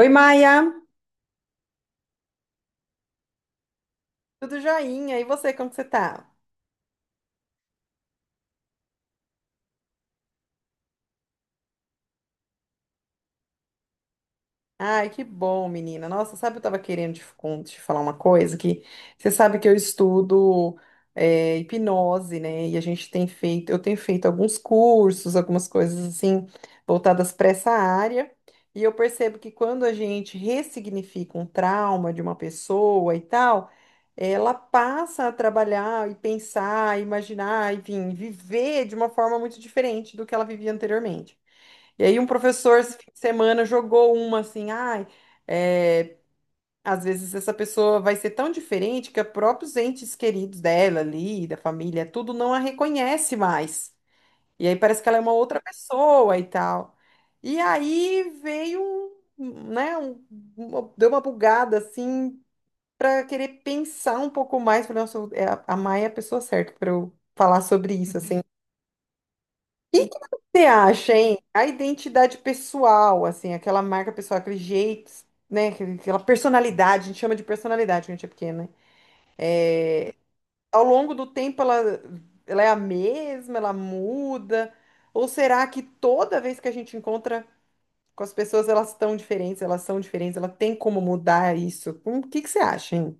Oi, Maia, tudo joinha? E você, como que você tá? Ai, que bom, menina. Nossa, sabe, eu tava querendo te, te falar uma coisa que você sabe que eu estudo hipnose, né? E a gente tem feito, eu tenho feito alguns cursos, algumas coisas assim voltadas para essa área. E eu percebo que quando a gente ressignifica um trauma de uma pessoa e tal, ela passa a trabalhar e pensar, imaginar, enfim, viver de uma forma muito diferente do que ela vivia anteriormente. E aí um professor esse fim de semana jogou uma assim, ai, é, às vezes essa pessoa vai ser tão diferente que os próprios entes queridos dela ali, da família, tudo não a reconhece mais. E aí parece que ela é uma outra pessoa e tal. E aí veio, um, né, deu uma bugada assim para querer pensar um pouco mais, falei, nossa, é a Maia é a pessoa certa para eu falar sobre isso, assim. E que você acha, hein? A identidade pessoal, assim, aquela marca pessoal, aquele jeito, né? Aquela personalidade, a gente chama de personalidade quando a gente é pequena, né? Ao longo do tempo, ela é a mesma, ela muda? Ou será que toda vez que a gente encontra com as pessoas, elas estão diferentes, elas são diferentes, ela tem como mudar isso? O que que você acha, hein?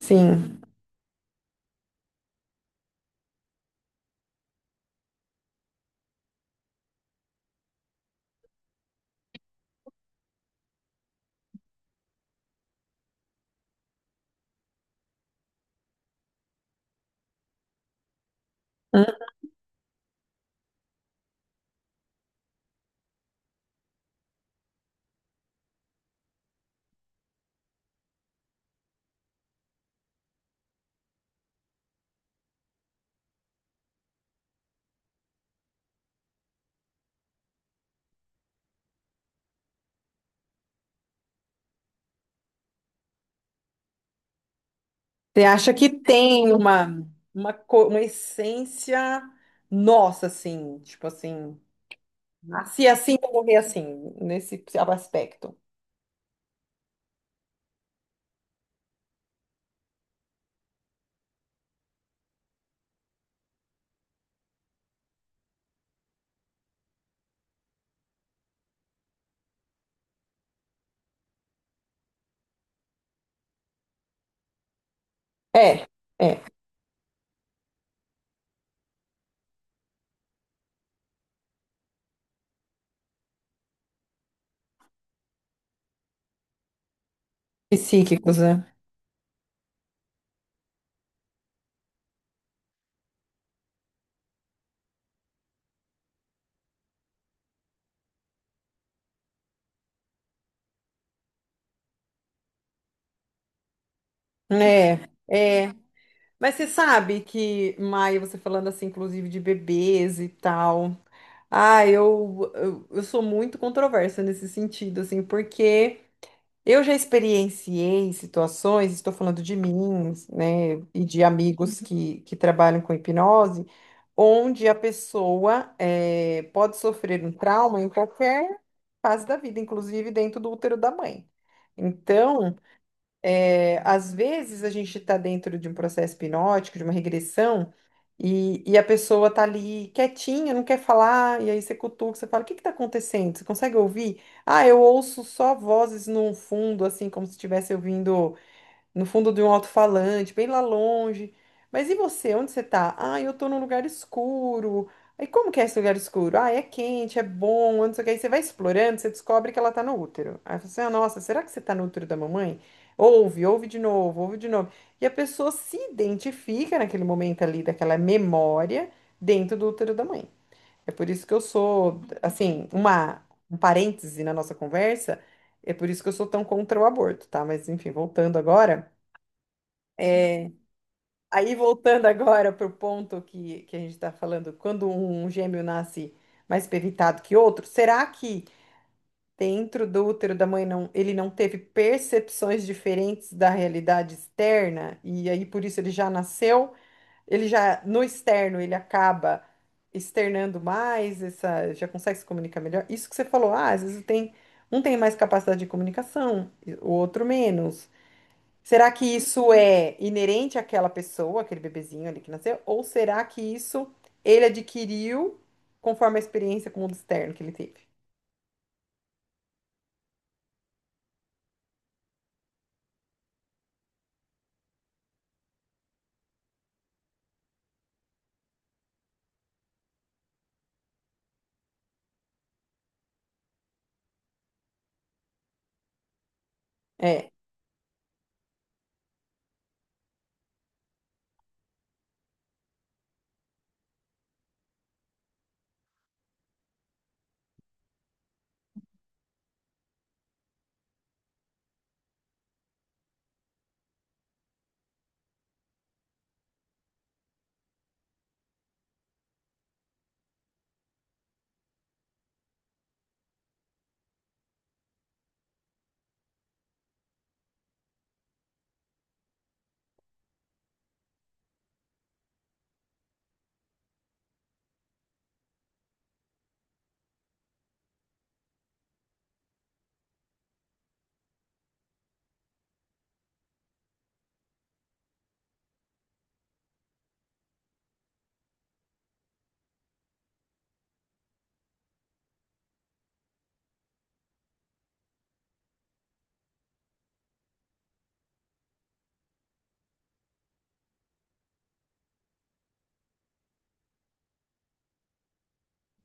Sim. Hum? Você acha que tem uma, uma essência nossa, assim, tipo assim. Nasci assim, vou morrer assim, nesse aspecto. É, é. Psíquicos, né? É, é. Mas você sabe que, Maia, você falando assim, inclusive de bebês e tal. Ah, eu sou muito controversa nesse sentido, assim, porque. Eu já experienciei situações, estou falando de mim, né, e de amigos que trabalham com hipnose, onde a pessoa pode sofrer um trauma em qualquer fase da vida, inclusive dentro do útero da mãe. Então, é, às vezes a gente está dentro de um processo hipnótico, de uma regressão, e a pessoa tá ali quietinha, não quer falar, e aí você cutuca, você fala, o que que tá acontecendo? Você consegue ouvir? Ah, eu ouço só vozes no fundo, assim, como se estivesse ouvindo no fundo de um alto-falante, bem lá longe. Mas e você? Onde você tá? Ah, eu tô num lugar escuro. Aí como que é esse lugar escuro? Ah, é quente, é bom, não sei o que. Aí você vai explorando, você descobre que ela tá no útero. Aí você, ah, nossa, será que você tá no útero da mamãe? Ouve, ouve de novo, ouve de novo. E a pessoa se identifica naquele momento ali, daquela memória, dentro do útero da mãe. É por isso que eu sou, assim, uma, um parêntese na nossa conversa, é por isso que eu sou tão contra o aborto, tá? Mas enfim, voltando agora. É, aí voltando agora para o ponto que a gente está falando, quando um gêmeo nasce mais pevitado que outro, será que dentro do útero da mãe não, ele não teve percepções diferentes da realidade externa? E aí por isso ele já nasceu, ele já no externo ele acaba externando mais, essa, já consegue se comunicar melhor? Isso que você falou, ah, às vezes tem, um tem mais capacidade de comunicação, e o outro menos. Será que isso é inerente àquela pessoa, aquele bebezinho ali que nasceu? Ou será que isso ele adquiriu conforme a experiência com o mundo externo que ele teve? É.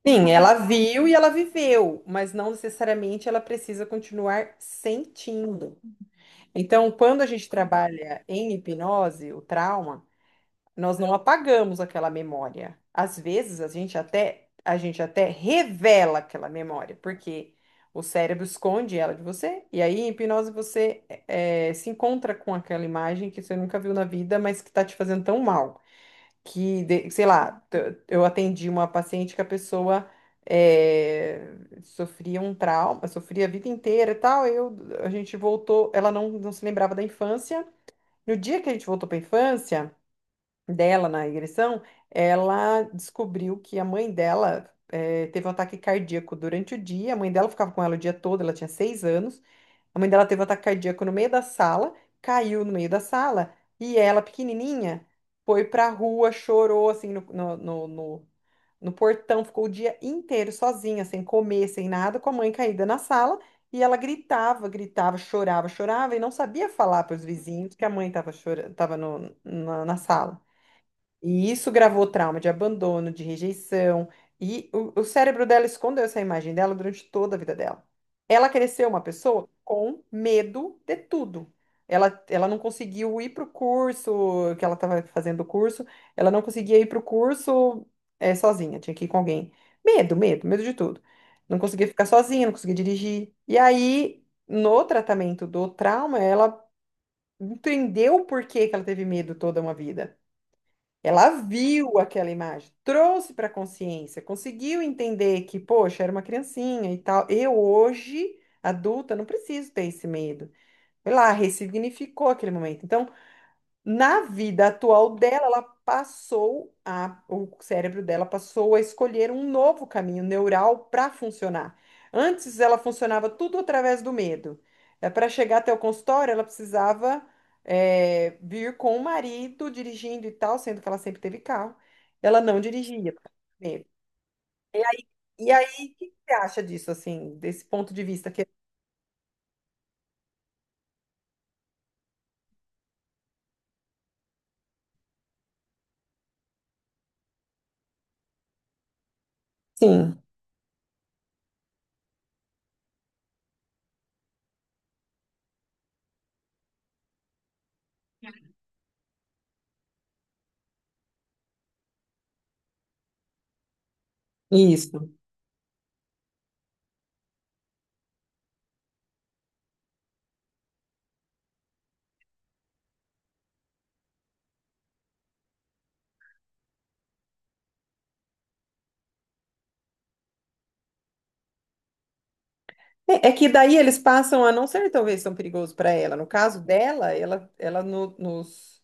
Sim, ela viu e ela viveu, mas não necessariamente ela precisa continuar sentindo. Então, quando a gente trabalha em hipnose, o trauma, nós não apagamos aquela memória. Às vezes a gente até revela aquela memória, porque o cérebro esconde ela de você, e aí em hipnose você se encontra com aquela imagem que você nunca viu na vida, mas que está te fazendo tão mal. Que, eu atendi uma paciente que a pessoa eh, sofria um trauma, sofria a vida inteira e tal. Eu, a gente voltou, ela não se lembrava da infância. No dia que a gente voltou para a infância, dela na regressão, ela descobriu que a mãe dela teve um ataque cardíaco durante o dia. A mãe dela ficava com ela o dia todo, ela tinha seis anos. A mãe dela teve um ataque cardíaco no meio da sala, caiu no meio da sala e ela, pequenininha, foi pra rua, chorou assim no portão, ficou o dia inteiro sozinha, sem comer, sem nada, com a mãe caída na sala. E ela gritava, gritava, chorava, chorava e não sabia falar para os vizinhos que a mãe estava chorando, estava na sala. E isso gravou trauma de abandono, de rejeição. E o cérebro dela escondeu essa imagem dela durante toda a vida dela. Ela cresceu uma pessoa com medo de tudo. Ela não conseguiu ir para o curso, que ela estava fazendo o curso, ela não conseguia ir para o curso sozinha, tinha que ir com alguém. Medo, medo, medo de tudo. Não conseguia ficar sozinha, não conseguia dirigir. E aí, no tratamento do trauma, ela entendeu por que que ela teve medo toda uma vida. Ela viu aquela imagem, trouxe para a consciência, conseguiu entender que, poxa, era uma criancinha e tal. Eu hoje, adulta, não preciso ter esse medo. Foi lá, ressignificou aquele momento. Então, na vida atual dela, ela passou a, o cérebro dela passou a escolher um novo caminho neural para funcionar. Antes ela funcionava tudo através do medo. Para chegar até o consultório, ela precisava é, vir com o marido dirigindo e tal, sendo que ela sempre teve carro. Ela não dirigia por causa do medo. E aí, o que você acha disso, assim, desse ponto de vista que... Sim, isso. É, é que daí eles passam a não ser talvez tão perigoso para ela. No caso dela, ela nos,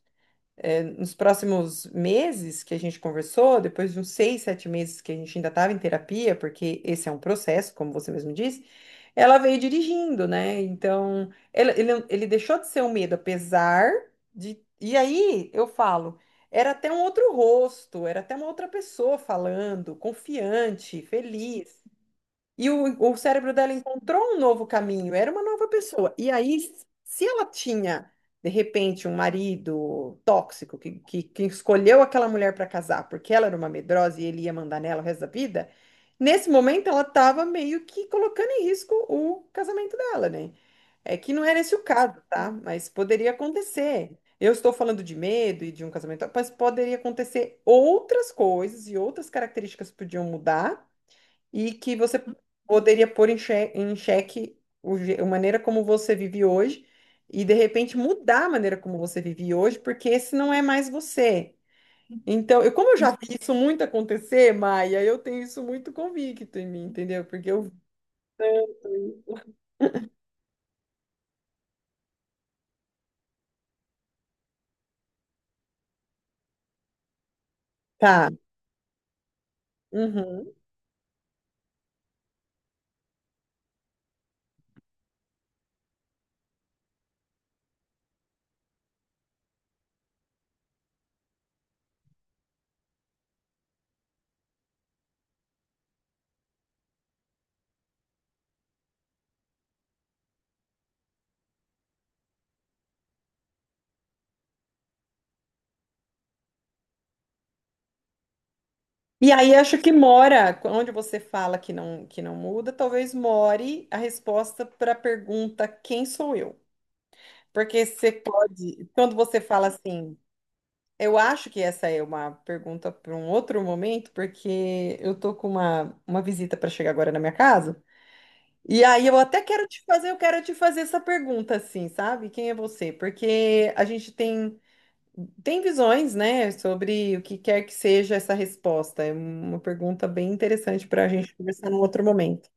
é, nos próximos meses que a gente conversou, depois de uns seis, sete meses que a gente ainda estava em terapia, porque esse é um processo, como você mesmo disse, ela veio dirigindo, né? Então, ele deixou de ser um medo, apesar de. E aí eu falo, era até um outro rosto, era até uma outra pessoa falando, confiante, feliz. E o cérebro dela encontrou um novo caminho, era uma nova pessoa. E aí, se ela tinha, de repente, um marido tóxico que escolheu aquela mulher para casar porque ela era uma medrosa e ele ia mandar nela o resto da vida, nesse momento ela estava meio que colocando em risco o casamento dela, né? É que não era esse o caso, tá? Mas poderia acontecer. Eu estou falando de medo e de um casamento, mas poderia acontecer outras coisas e outras características podiam mudar e que você poderia pôr em em xeque a maneira como você vive hoje e de repente mudar a maneira como você vive hoje, porque esse não é mais você. Então, eu, como eu já vi isso muito acontecer, Maia, eu tenho isso muito convicto em mim, entendeu? Porque eu. Tá. Uhum. E aí acho que mora, onde você fala que não muda, talvez more a resposta para a pergunta quem sou eu? Porque você pode, quando você fala assim, eu acho que essa é uma pergunta para um outro momento, porque eu tô com uma visita para chegar agora na minha casa. E aí eu quero te fazer essa pergunta assim, sabe? Quem é você? Porque a gente tem visões, né, sobre o que quer que seja essa resposta. É uma pergunta bem interessante para a gente conversar num outro momento.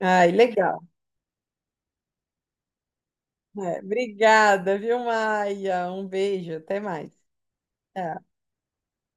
Ai, legal. É, obrigada, viu, Maia? Um beijo, até mais. Tchau.